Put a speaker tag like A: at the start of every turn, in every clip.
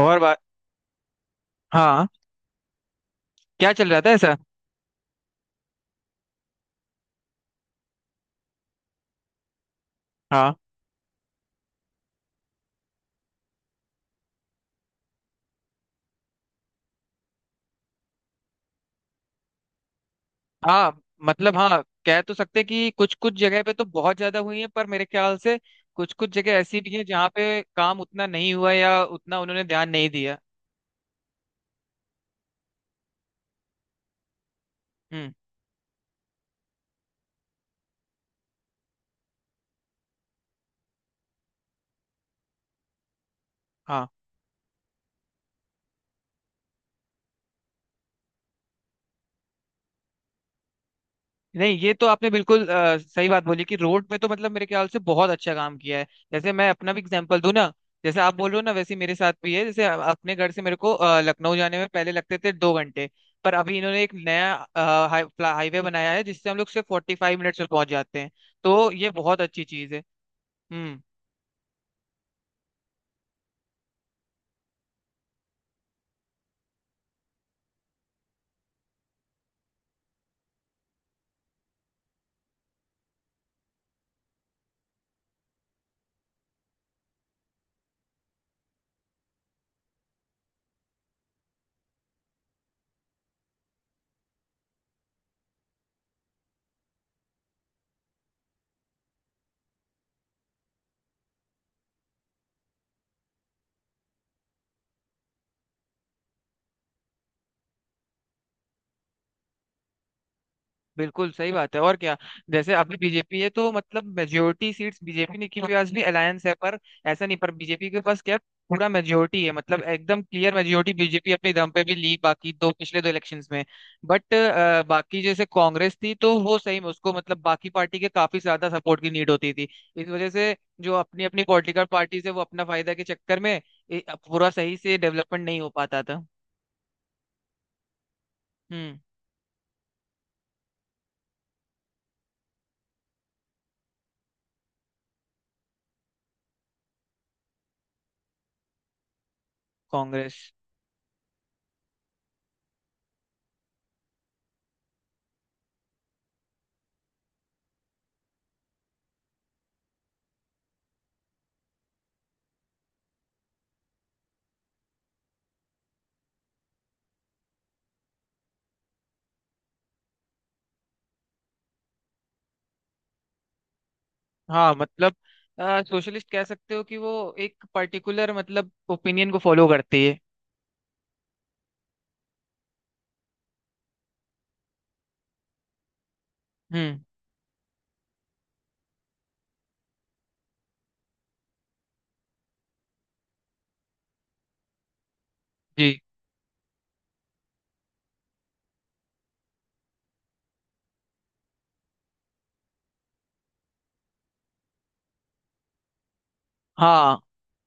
A: और बात। हाँ। क्या चल रहा था ऐसा? हाँ। हाँ, मतलब हाँ कह तो सकते कि कुछ कुछ जगह पे तो बहुत ज्यादा हुई है, पर मेरे ख्याल से कुछ कुछ जगह ऐसी भी है जहाँ पे काम उतना नहीं हुआ या उतना उन्होंने ध्यान नहीं दिया। हम्म। हाँ। नहीं ये तो आपने बिल्कुल सही बात बोली कि रोड पे तो मतलब मेरे ख्याल से बहुत अच्छा काम किया है। जैसे मैं अपना भी एग्जांपल दूं ना। जैसे आप बोल रहे हो ना वैसे ही मेरे साथ भी है, जैसे अपने घर से मेरे को लखनऊ जाने में पहले लगते थे 2 घंटे। पर अभी इन्होंने एक नया हाईवे बनाया है जिससे हम लोग सिर्फ 45 मिनट्स में पहुंच जाते हैं। तो ये बहुत अच्छी चीज है। हम्म। बिल्कुल सही बात है और क्या। जैसे अभी बीजेपी है तो मतलब मेजोरिटी सीट्स बीजेपी ने, क्योंकि आज भी अलायंस है पर ऐसा नहीं। पर बीजेपी के पास क्या, पूरा मेजोरिटी है, मतलब एकदम क्लियर मेजोरिटी बीजेपी अपने दम पे भी ली बाकी दो पिछले दो इलेक्शंस में। बट बाकी जैसे कांग्रेस थी तो वो सही में उसको मतलब बाकी पार्टी के काफी ज्यादा सपोर्ट की नीड होती थी। इस वजह से जो अपनी अपनी पॉलिटिकल पार्टीज है वो अपना फायदा के चक्कर में ए, पूरा सही से डेवलपमेंट नहीं हो पाता था। हम्म। कांग्रेस। हाँ मतलब सोशलिस्ट कह सकते हो कि वो एक पर्टिकुलर मतलब ओपिनियन को फॉलो करती है। हम्म। जी। हाँ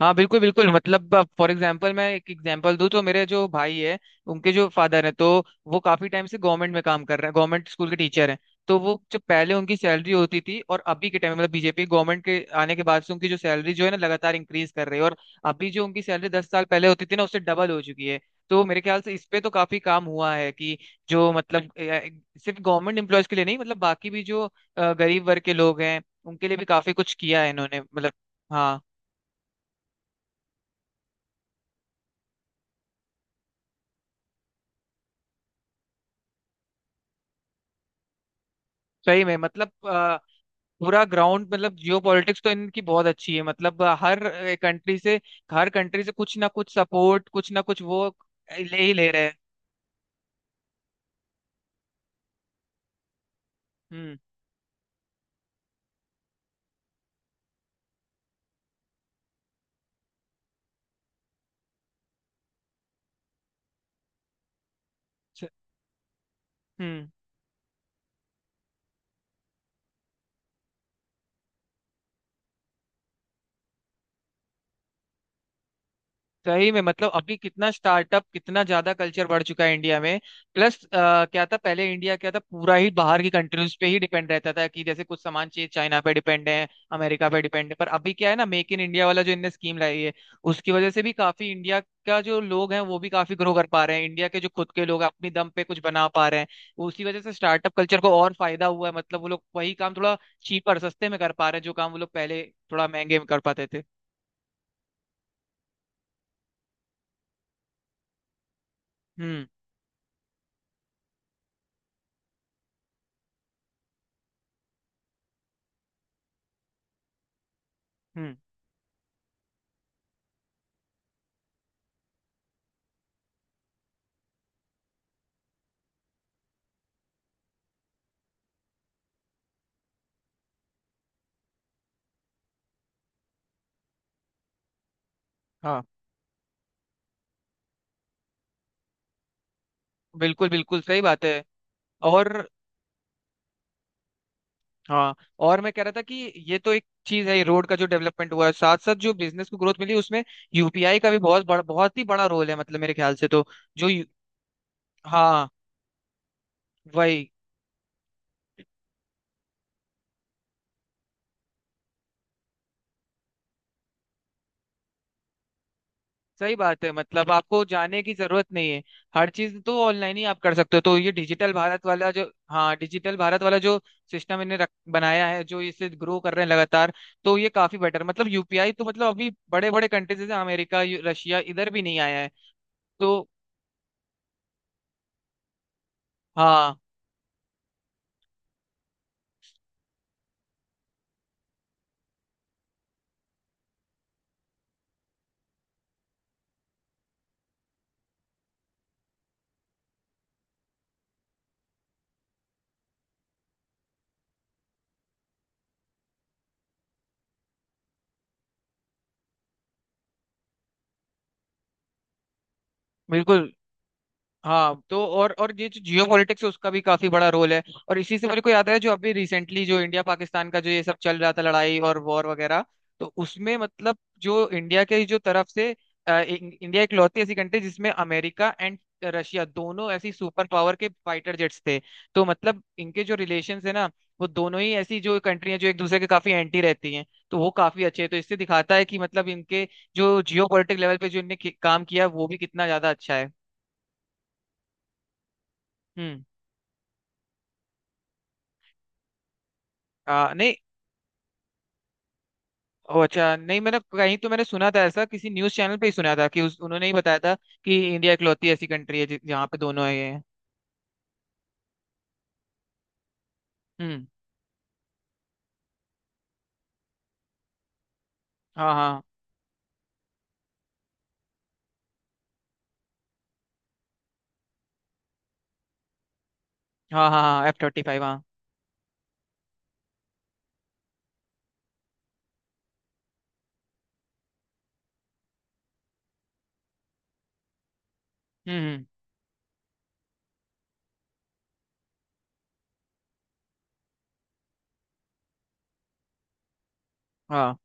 A: हाँ बिल्कुल बिल्कुल, मतलब फॉर एग्जांपल मैं एक एग्जांपल दूं तो मेरे जो भाई है उनके जो फादर हैं तो वो काफी टाइम से गवर्नमेंट में काम कर रहे हैं, गवर्नमेंट स्कूल के टीचर हैं। तो वो जब पहले उनकी सैलरी होती थी और अभी के टाइम मतलब बीजेपी गवर्नमेंट के आने के बाद से उनकी जो सैलरी जो है ना लगातार इंक्रीज कर रही है। और अभी जो उनकी सैलरी 10 साल पहले होती थी ना उससे डबल हो चुकी है। तो मेरे ख्याल से इस पे तो काफी काम हुआ है कि जो मतलब सिर्फ गवर्नमेंट एम्प्लॉयज के लिए नहीं, मतलब बाकी भी जो गरीब वर्ग के लोग हैं उनके लिए भी काफी कुछ किया है इन्होंने मतलब। हाँ। सही में मतलब पूरा ग्राउंड मतलब जियो पॉलिटिक्स तो इनकी बहुत अच्छी है, मतलब हर कंट्री से कुछ ना कुछ सपोर्ट कुछ ना कुछ वो ले ही ले रहे हैं। हम्म। स- हम्म। सही में मतलब अभी कितना स्टार्टअप कितना ज्यादा कल्चर बढ़ चुका है इंडिया में। प्लस क्या था पहले, इंडिया क्या था पूरा ही बाहर की कंट्रीज पे ही डिपेंड रहता था कि जैसे कुछ सामान चाहिए चाइना पे डिपेंड है, अमेरिका पे डिपेंड है। पर अभी क्या है ना मेक इन इंडिया वाला जो इनने स्कीम लाई है उसकी वजह से भी काफी इंडिया का जो लोग हैं वो भी काफी ग्रो कर पा रहे हैं। इंडिया के जो खुद के लोग हैं अपनी दम पे कुछ बना पा रहे हैं। उसी वजह से स्टार्टअप कल्चर को और फायदा हुआ है, मतलब वो लोग वही काम थोड़ा चीपर सस्ते में कर पा रहे हैं जो काम वो लोग पहले थोड़ा महंगे में कर पाते थे। हम्म। हम्म। हाँ बिल्कुल बिल्कुल सही बात है। और हाँ, और मैं कह रहा था कि ये तो एक चीज है रोड का जो डेवलपमेंट हुआ है, साथ साथ जो बिजनेस को ग्रोथ मिली उसमें यूपीआई का भी बहुत बड़ा बहुत ही बड़ा रोल है, मतलब मेरे ख्याल से तो। जो यू- हाँ वही। सही बात है, मतलब आपको जाने की जरूरत नहीं है। हर चीज तो ऑनलाइन ही आप कर सकते हो। तो ये डिजिटल भारत वाला जो, हाँ डिजिटल भारत वाला जो सिस्टम बनाया है जो इसे ग्रो कर रहे हैं लगातार। तो ये काफी बेटर, मतलब यूपीआई तो मतलब अभी बड़े बड़े कंट्रीज जैसे अमेरिका रशिया इधर भी नहीं आया है। तो हाँ बिल्कुल। हाँ तो और ये जो जियो पॉलिटिक्स है उसका भी काफी बड़ा रोल है। और इसी से मेरे को याद है, जो अभी रिसेंटली जो इंडिया पाकिस्तान का जो ये सब चल रहा था लड़ाई और वॉर वगैरह, तो उसमें मतलब जो इंडिया के जो तरफ से इंडिया एक लौती ऐसी कंट्री जिसमें अमेरिका एंड रशिया दोनों ऐसी सुपर पावर के फाइटर जेट्स थे। तो मतलब इनके जो रिलेशंस है ना, वो दोनों ही ऐसी जो कंट्री हैं जो एक दूसरे के काफी एंटी रहती हैं, तो वो काफी अच्छे हैं। तो इससे दिखाता है कि मतलब इनके जो जियो पॉलिटिक लेवल पे जो इनने काम किया वो भी कितना ज्यादा अच्छा है। हम्म। नहीं। ओ अच्छा, नहीं मैंने कहीं तो मैंने सुना था, ऐसा किसी न्यूज़ चैनल पे ही सुना था कि उन्होंने ही बताया था कि इंडिया इकलौती ऐसी कंट्री है जहाँ पे दोनों है ये। हम्म। हाँ हाँ हाँ। हाँ हाँ F-35 हाँ। हम्म। हम्म। हाँ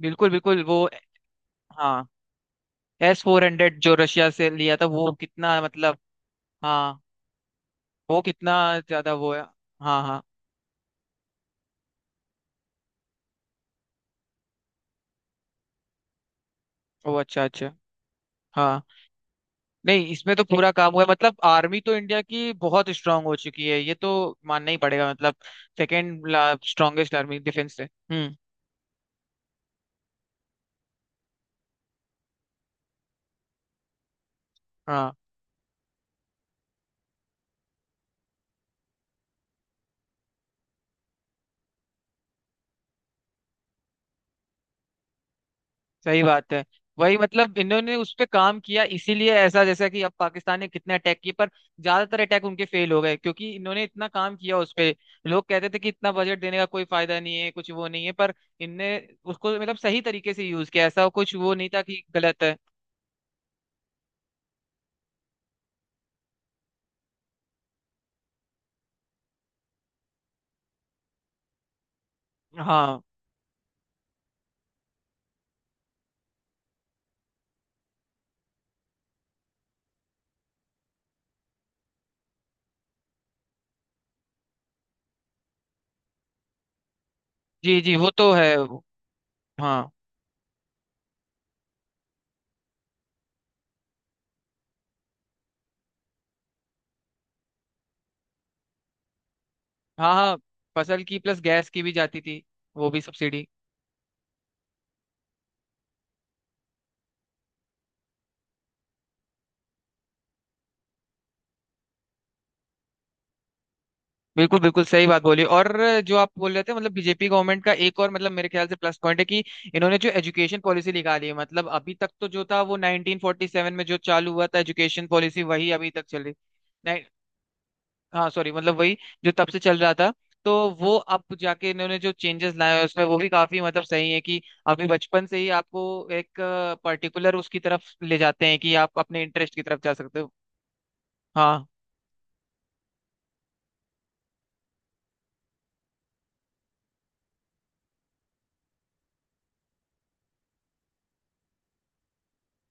A: बिल्कुल बिल्कुल वो। हाँ S-400 जो रशिया से लिया था वो कितना मतलब। हाँ। वो कितना ज्यादा वो है। हाँ हाँ। ओ अच्छा अच्छा। हाँ। नहीं इसमें तो पूरा काम हुआ है मतलब आर्मी तो इंडिया की बहुत स्ट्रांग हो चुकी है ये तो मानना ही पड़ेगा मतलब। सेकेंड स्ट्रांगेस्ट आर्मी डिफेंस से। हम्म। हाँ सही बात है। वही मतलब इन्होंने उस पे काम किया इसीलिए ऐसा, जैसा कि अब पाकिस्तान ने कितने अटैक किए पर ज्यादातर अटैक उनके फेल हो गए क्योंकि इन्होंने इतना काम किया उस पे। लोग कहते थे कि इतना बजट देने का कोई फायदा नहीं है कुछ वो नहीं है, पर इनने उसको मतलब सही तरीके से यूज किया, ऐसा कुछ वो नहीं था कि गलत है। हाँ। जी जी वो तो है। हाँ। हाँ हाँ फसल की प्लस गैस की भी जाती थी वो भी सब्सिडी। बिल्कुल बिल्कुल सही बात बोली। और जो आप बोल रहे थे मतलब बीजेपी गवर्नमेंट का एक और, मतलब मेरे ख्याल से प्लस पॉइंट है कि इन्होंने जो एजुकेशन पॉलिसी निकाली है, मतलब अभी तक तो जो था वो 1947 में जो चालू हुआ था एजुकेशन पॉलिसी वही अभी तक चल रही। नहीं हाँ सॉरी मतलब वही जो तब से चल रहा था। तो वो अब जाके इन्होंने जो चेंजेस लाए हैं उसमें वो भी काफी, मतलब सही है कि अभी बचपन से ही आपको एक पर्टिकुलर उसकी तरफ ले जाते हैं कि आप अपने इंटरेस्ट की तरफ जा सकते हो। हाँ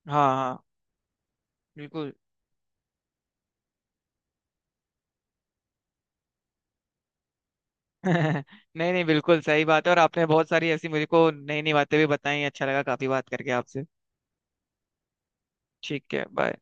A: हाँ हाँ। बिल्कुल। नहीं नहीं बिल्कुल सही बात है, और आपने बहुत सारी ऐसी मुझे को नई नई बातें भी बताई। अच्छा लगा काफी बात करके आपसे। ठीक है बाय।